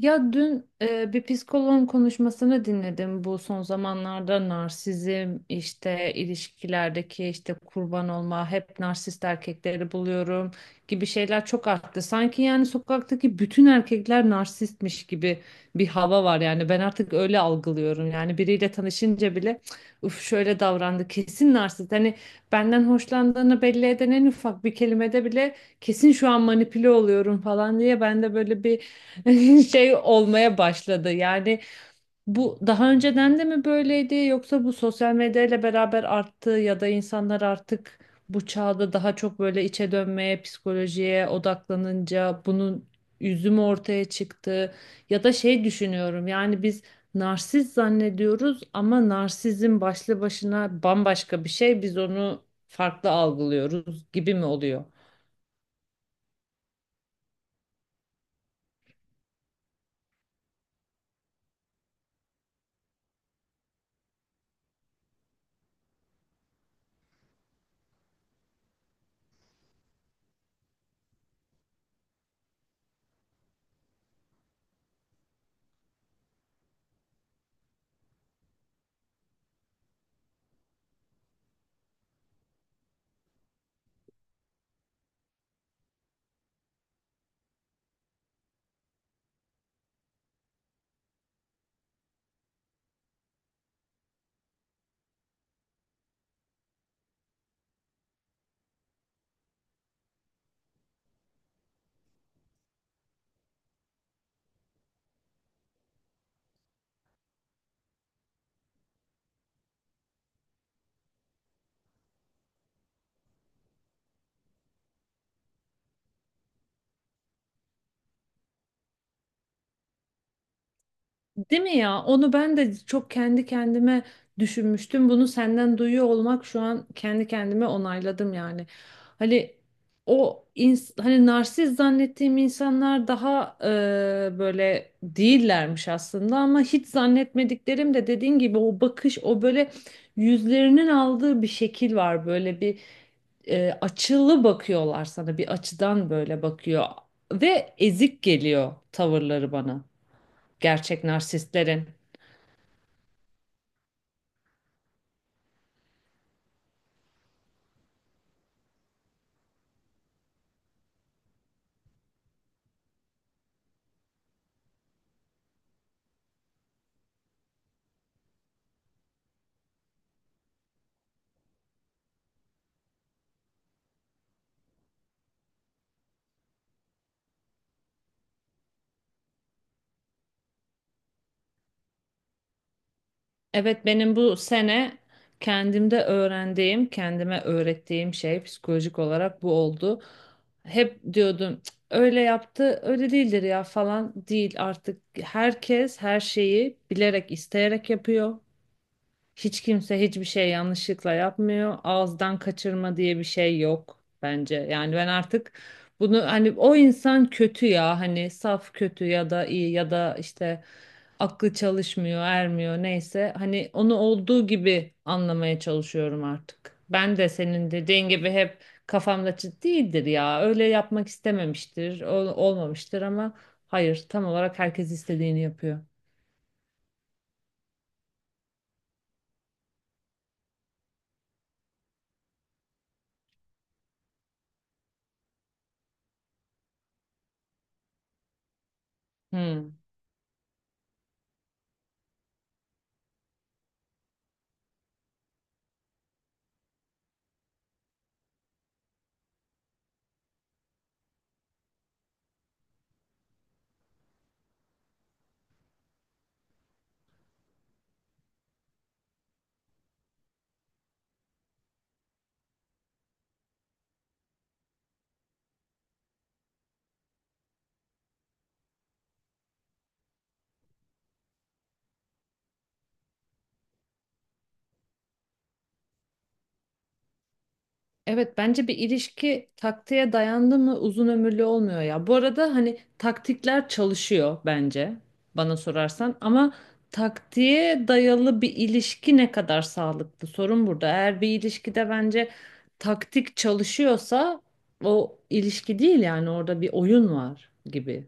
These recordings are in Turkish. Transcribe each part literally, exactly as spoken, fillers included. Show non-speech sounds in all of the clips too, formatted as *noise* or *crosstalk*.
Ya dün e, bir psikoloğun konuşmasını dinledim. Bu son zamanlarda narsizm, işte ilişkilerdeki işte kurban olma, hep narsist erkekleri buluyorum gibi şeyler çok arttı. Sanki yani sokaktaki bütün erkekler narsistmiş gibi bir hava var, yani ben artık öyle algılıyorum. Yani biriyle tanışınca bile uf şöyle davrandı, kesin narsist. Hani benden hoşlandığını belli eden en ufak bir kelimede bile kesin şu an manipüle oluyorum falan diye ben de böyle bir *laughs* şey olmaya başladı. Yani bu daha önceden de mi böyleydi yoksa bu sosyal medyayla beraber arttı ya da insanlar artık bu çağda daha çok böyle içe dönmeye, psikolojiye odaklanınca bunun üzümü ortaya çıktı ya da şey düşünüyorum. Yani biz narsist zannediyoruz ama narsizm başlı başına bambaşka bir şey. Biz onu farklı algılıyoruz gibi mi oluyor? Değil mi ya? Onu ben de çok kendi kendime düşünmüştüm. Bunu senden duyuyor olmak şu an kendi kendime onayladım yani. Hani o ins- hani narsist zannettiğim insanlar daha e, böyle değillermiş aslında ama hiç zannetmediklerim de dediğin gibi o bakış, o böyle yüzlerinin aldığı bir şekil var, böyle bir e, açılı bakıyorlar sana, bir açıdan böyle bakıyor ve ezik geliyor tavırları bana, gerçek narsistlerin. Evet, benim bu sene kendimde öğrendiğim, kendime öğrettiğim şey psikolojik olarak bu oldu. Hep diyordum "Cık, öyle yaptı, öyle değildir ya" falan. Değil, artık herkes her şeyi bilerek, isteyerek yapıyor. Hiç kimse hiçbir şey yanlışlıkla yapmıyor. Ağızdan kaçırma diye bir şey yok bence. Yani ben artık bunu, hani o insan kötü ya, hani saf kötü ya da iyi ya da işte aklı çalışmıyor, ermiyor neyse, hani onu olduğu gibi anlamaya çalışıyorum artık. Ben de senin dediğin gibi hep kafamda "Cid- değildir ya. Öyle yapmak istememiştir, ol- olmamıştır" ama hayır, tam olarak herkes istediğini yapıyor. Hmm. Evet, bence bir ilişki taktiğe dayandı mı uzun ömürlü olmuyor ya. Bu arada hani taktikler çalışıyor bence, bana sorarsan, ama taktiğe dayalı bir ilişki ne kadar sağlıklı, sorun burada. Eğer bir ilişkide bence taktik çalışıyorsa o ilişki değil, yani orada bir oyun var gibi.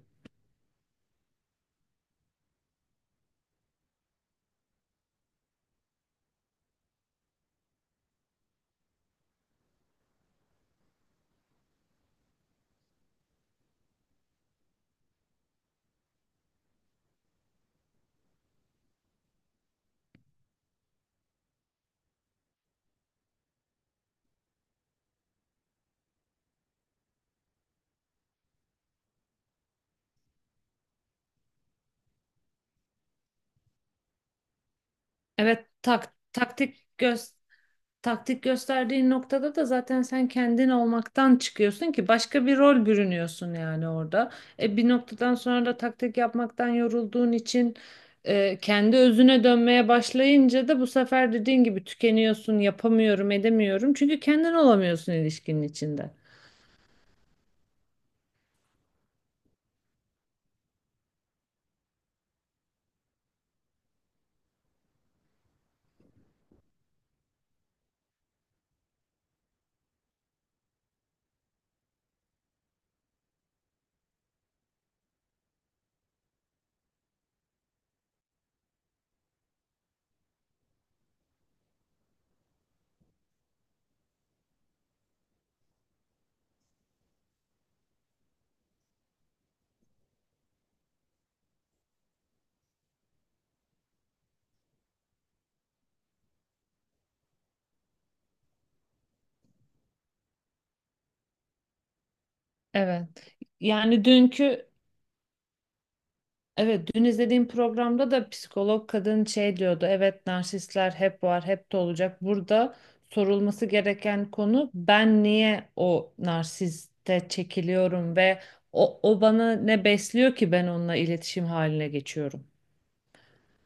Evet, tak taktik göz taktik gösterdiğin noktada da zaten sen kendin olmaktan çıkıyorsun ki başka bir rol bürünüyorsun yani orada. E bir noktadan sonra da taktik yapmaktan yorulduğun için e, kendi özüne dönmeye başlayınca da bu sefer dediğin gibi tükeniyorsun, yapamıyorum, edemiyorum. Çünkü kendin olamıyorsun ilişkinin içinde. Evet. Yani dünkü... Evet, dün izlediğim programda da psikolog kadın şey diyordu. Evet, narsistler hep var, hep de olacak. Burada sorulması gereken konu, ben niye o narsiste çekiliyorum ve o, o bana ne besliyor ki ben onunla iletişim haline geçiyorum?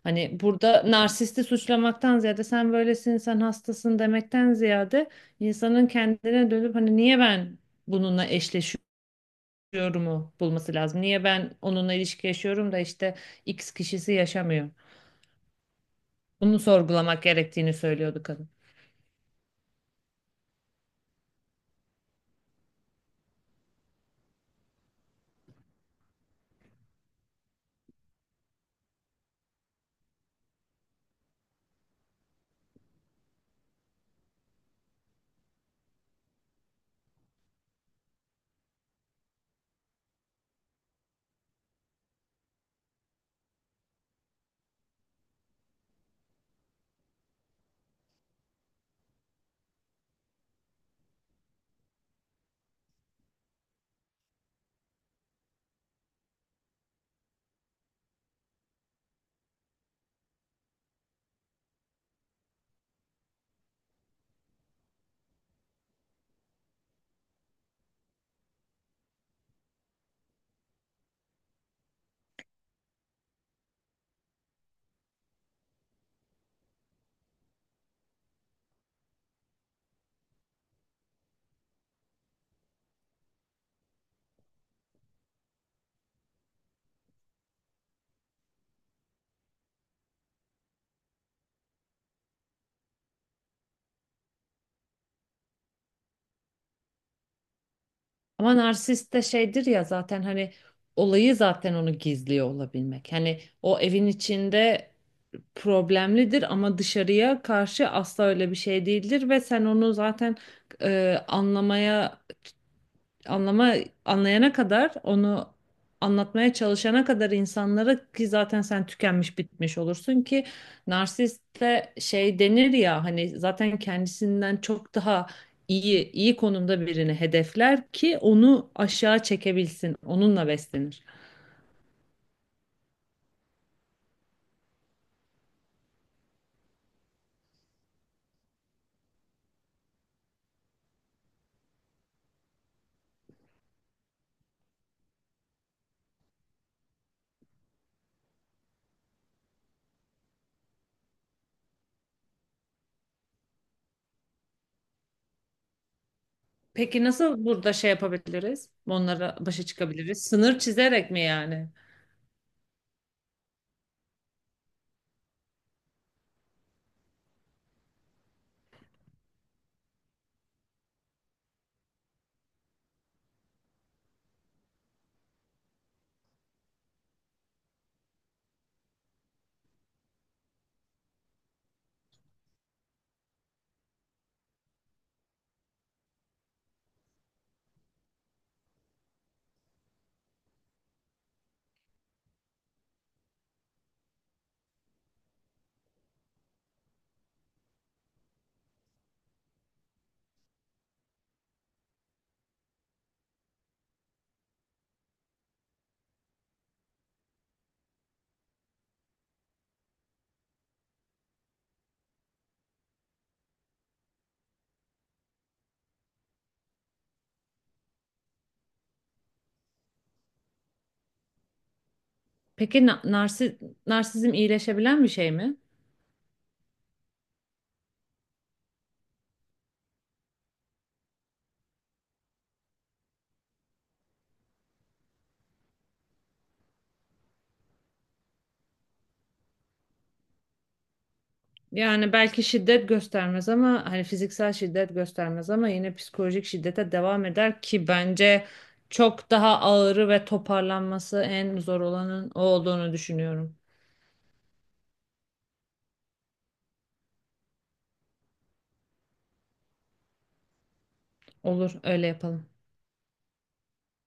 Hani burada narsisti suçlamaktan ziyade, sen böylesin, sen hastasın demekten ziyade, insanın kendine dönüp hani niye ben bununla eşleşiyorum yorumu bulması lazım. Niye ben onunla ilişki yaşıyorum da işte X kişisi yaşamıyor? Bunu sorgulamak gerektiğini söylüyordu kadın. Ama narsist de şeydir ya zaten, hani olayı zaten onu gizliyor olabilmek. Hani o evin içinde problemlidir ama dışarıya karşı asla öyle bir şey değildir ve sen onu zaten e, anlamaya anlama anlayana kadar, onu anlatmaya çalışana kadar insanlara, ki zaten sen tükenmiş bitmiş olursun, ki narsiste şey denir ya hani, zaten kendisinden çok daha iyi iyi konumda birini hedefler ki onu aşağı çekebilsin, onunla beslenir. Peki nasıl burada şey yapabiliriz? Onlara başa çıkabiliriz. Sınır çizerek mi yani? Peki na narsi- narsizm iyileşebilen bir şey mi? Yani belki şiddet göstermez ama hani fiziksel şiddet göstermez ama yine psikolojik şiddete devam eder ki bence çok daha ağırı ve toparlanması en zor olanın o olduğunu düşünüyorum. Olur, öyle yapalım.